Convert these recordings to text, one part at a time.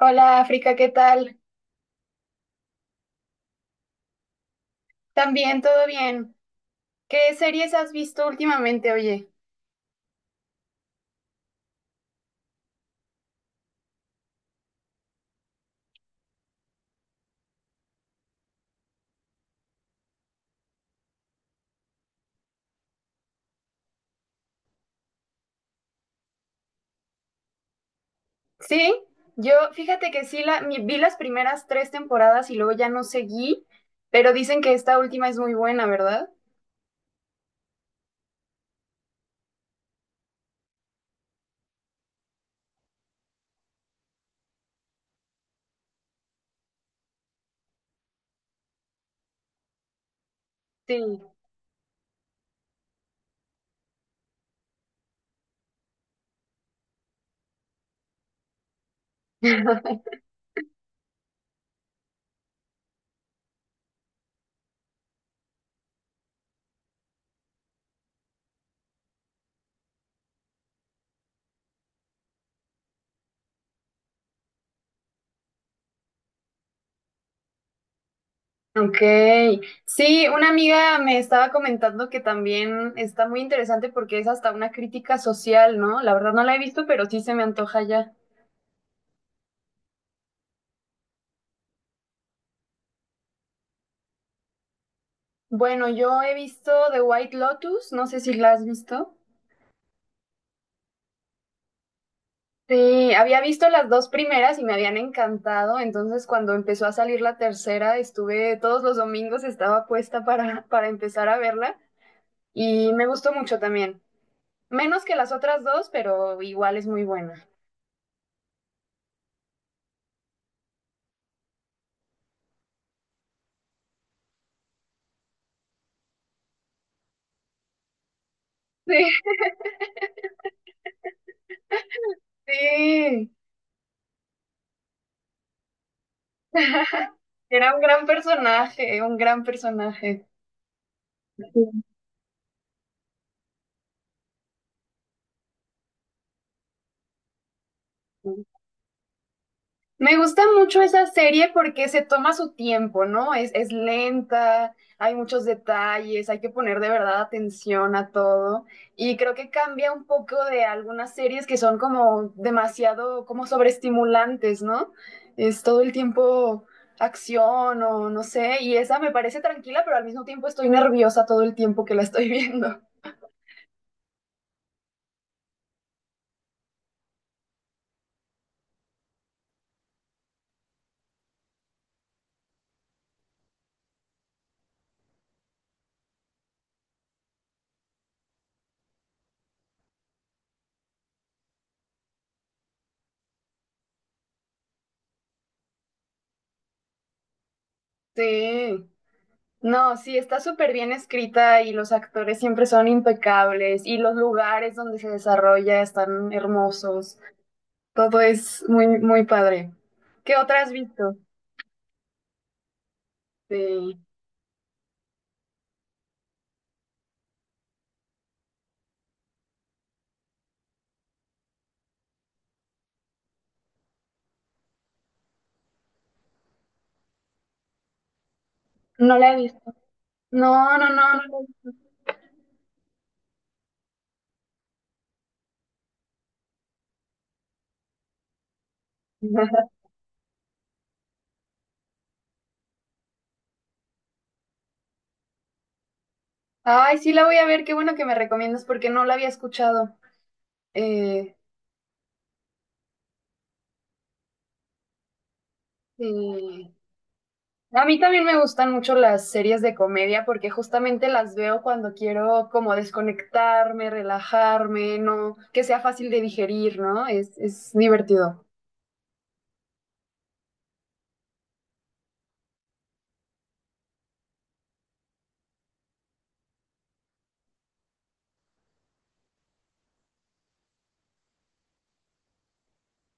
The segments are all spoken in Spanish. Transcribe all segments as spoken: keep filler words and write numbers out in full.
Hola África, ¿qué tal? También todo bien. ¿Qué series has visto últimamente, oye? Sí, yo fíjate que sí la, mi- vi las primeras tres temporadas y luego ya no seguí, pero dicen que esta última es muy buena, ¿verdad? Sí. Ok, sí, una amiga me estaba comentando que también está muy interesante porque es hasta una crítica social, ¿no? La verdad no la he visto, pero sí se me antoja ya. Bueno, yo he visto The White Lotus, no sé si la has visto. Sí, había visto las dos primeras y me habían encantado, entonces cuando empezó a salir la tercera, estuve todos los domingos, estaba puesta para, para empezar a verla y me gustó mucho también. Menos que las otras dos, pero igual es muy buena. Sí, sí, era un gran personaje, un gran personaje. Me gusta mucho esa serie porque se toma su tiempo, ¿no? Es, es lenta, hay muchos detalles, hay que poner de verdad atención a todo. Y creo que cambia un poco de algunas series que son como demasiado, como sobreestimulantes, ¿no? Es todo el tiempo acción o no sé. Y esa me parece tranquila, pero al mismo tiempo estoy nerviosa todo el tiempo que la estoy viendo. Sí. No, sí, está súper bien escrita y los actores siempre son impecables y los lugares donde se desarrolla están hermosos. Todo es muy, muy padre. ¿Qué otra has visto? Sí. No la he visto. No, no, no, no. La he visto. Ay, sí la voy a ver, qué bueno que me recomiendas porque no la había escuchado. Eh, Sí. A mí también me gustan mucho las series de comedia porque justamente las veo cuando quiero como desconectarme, relajarme, no, que sea fácil de digerir, ¿no? Es, es divertido.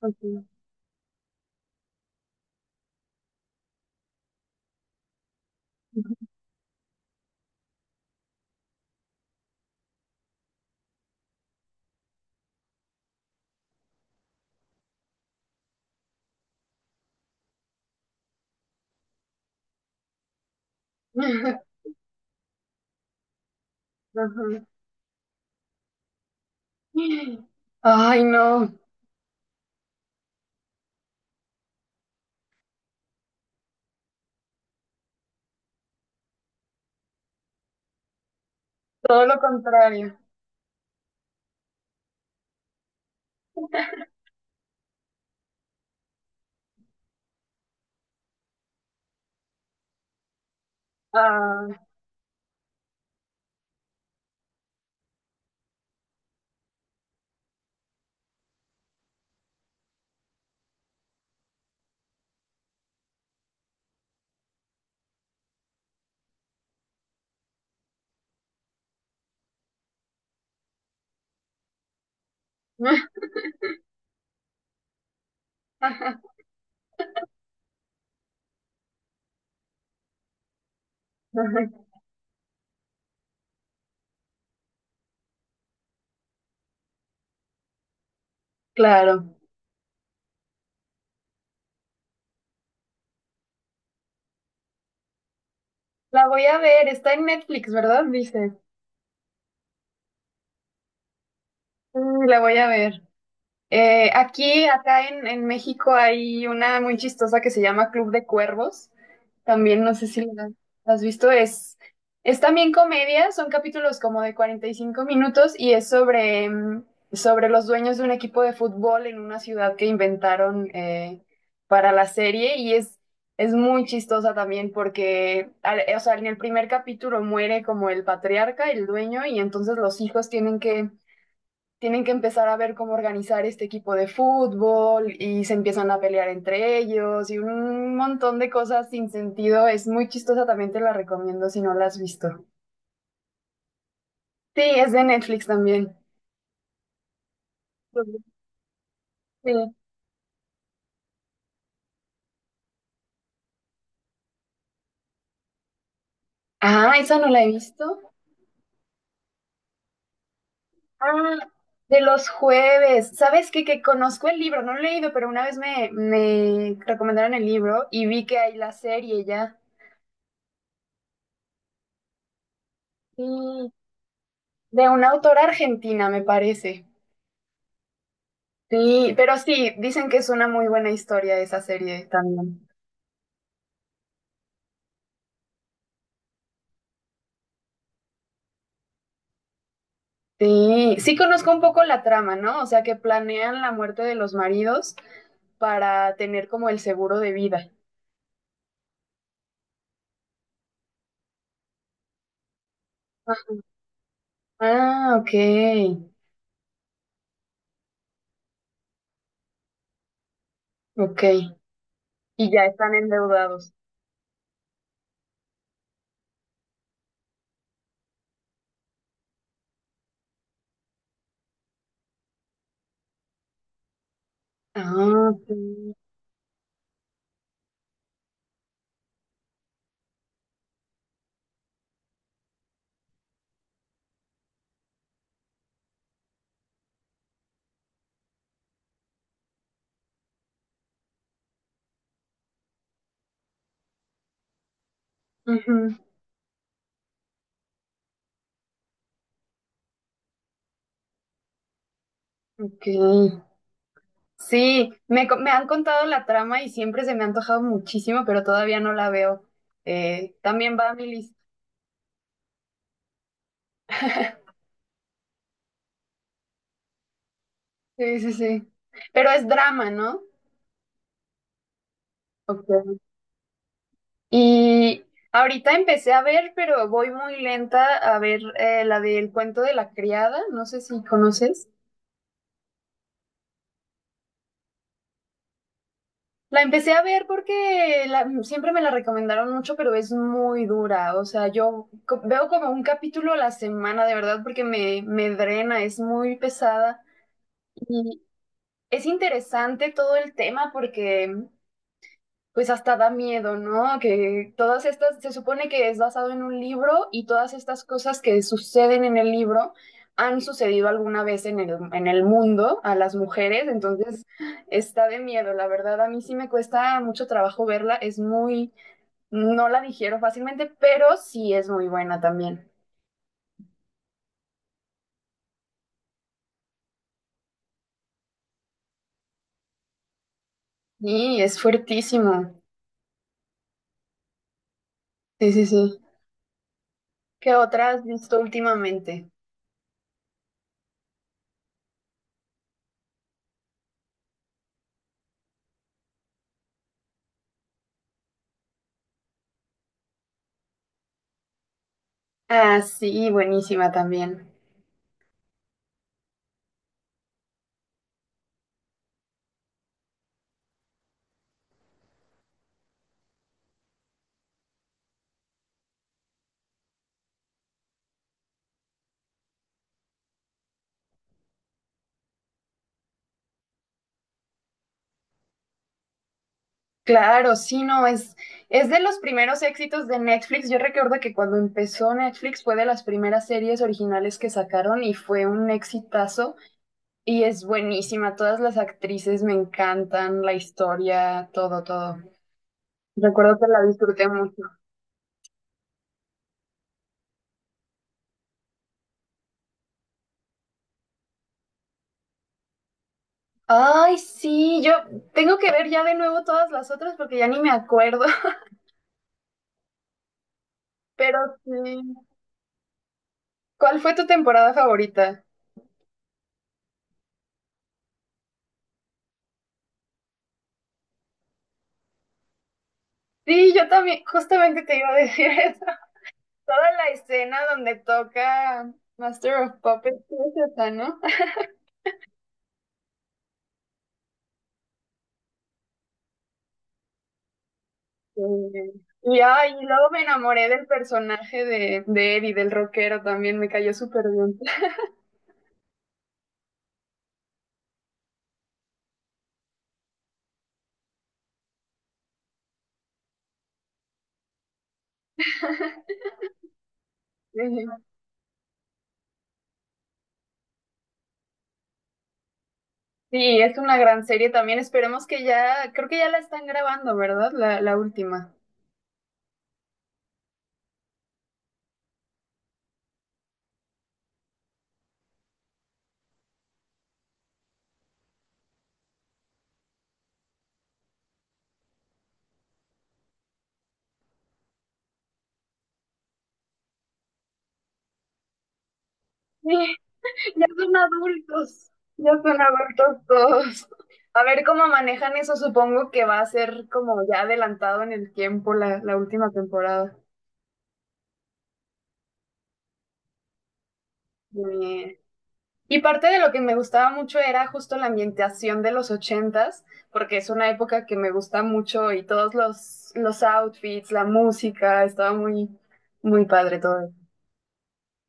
Ok. Ajá. Ay, no, todo lo contrario. Ah. Claro. La voy a ver, está en Netflix, ¿verdad? Dice. Mm, la voy a ver. Eh, aquí, acá en, en México hay una muy chistosa que se llama Club de Cuervos. También no sé si la la has visto. Es, es también comedia, son capítulos como de cuarenta y cinco minutos y es sobre, mm, sobre los dueños de un equipo de fútbol en una ciudad que inventaron eh, para la serie y es, es muy chistosa también porque, al- eh, o sea, en el primer capítulo muere como el patriarca, el dueño, y entonces los hijos tienen que tienen que empezar a ver cómo organizar este equipo de fútbol y se empiezan a pelear entre ellos y un montón de cosas sin sentido. Es muy chistosa, también te la recomiendo si no la has visto. Sí, es de Netflix también. Sí. Ah, esa no la he visto. Ah, de los jueves. ¿Sabes qué? Que conozco el libro, no lo he leído, pero una vez me, me recomendaron el libro y vi que hay la serie ya. Sí. De una autora argentina, me parece. Sí, pero sí, dicen que es una muy buena historia esa serie también. Sí, sí conozco un poco la trama, ¿no? O sea, que planean la muerte de los maridos para tener como el seguro de vida. Ah, ok, ok. Y ya están endeudados. Ah, sí. Ujú, ok. Sí, me, co- me han contado la trama y siempre se me ha antojado muchísimo, pero todavía no la veo. Eh, también va a mi lista. Sí, sí, sí. Pero es drama, ¿no? Ok. Y ahorita empecé a ver, pero voy muy lenta a ver eh, la del cuento de la criada, no sé si conoces. La empecé a ver porque la- siempre me la recomendaron mucho, pero es muy dura. O sea, yo co- veo como un capítulo a la semana, de verdad, porque me, me drena, es muy pesada. Y es interesante todo el tema porque pues hasta da miedo, ¿no? Que todas estas, se supone que es basado en un libro y todas estas cosas que suceden en el libro han sucedido alguna vez en el, en el mundo a las mujeres, entonces está de miedo, la verdad, a mí sí me cuesta mucho trabajo verla, es muy, no la digiero fácilmente, pero sí es muy buena también. Y es fuertísimo. Sí, sí, sí. ¿Qué otra has visto últimamente? Ah, sí, buenísima también. Claro, sí, no, es, es de los primeros éxitos de Netflix. Yo recuerdo que cuando empezó Netflix fue de las primeras series originales que sacaron y fue un exitazo y es buenísima. Todas las actrices me encantan, la historia, todo, todo. Recuerdo que la disfruté mucho. Ay, sí, yo tengo que ver ya de nuevo todas las otras porque ya ni me acuerdo, pero sí. ¿Cuál fue tu temporada favorita? Sí, yo también, justamente te iba a decir eso. Toda la escena donde toca Master of Puppets es esa, ¿no? Eh, y ay, y luego me enamoré del personaje de, de Eddie, del rockero también, me cayó súper bien. Sí, es una gran serie también. Esperemos que ya, creo que ya la están grabando, ¿verdad? La, la última. Sí, ya son adultos, ya son adultos todos. A ver cómo manejan eso, supongo que va a ser como ya adelantado en el tiempo la, la última temporada. Bien. Y parte de lo que me gustaba mucho era justo la ambientación de los ochentas, porque es una época que me gusta mucho y todos los, los outfits, la música, estaba muy, muy padre todo.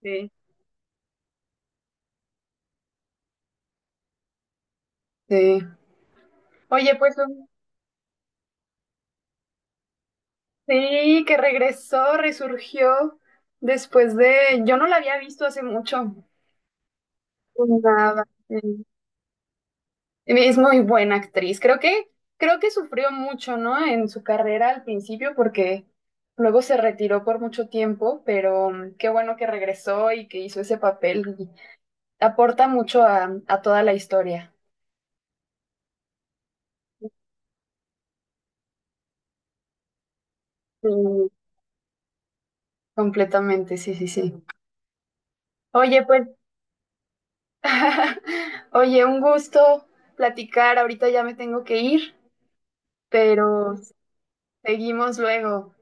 Sí, sí. Oye, pues un- sí, que regresó, resurgió después de, yo no la había visto hace mucho. Nada. Es muy buena actriz. Creo que, creo que sufrió mucho, ¿no? En su carrera al principio, porque luego se retiró por mucho tiempo, pero mm, qué bueno que regresó y que hizo ese papel. Y aporta mucho a, a toda la historia. Sí, completamente, sí, sí, sí. Oye, pues, oye, un gusto platicar. Ahorita ya me tengo que ir, pero seguimos luego.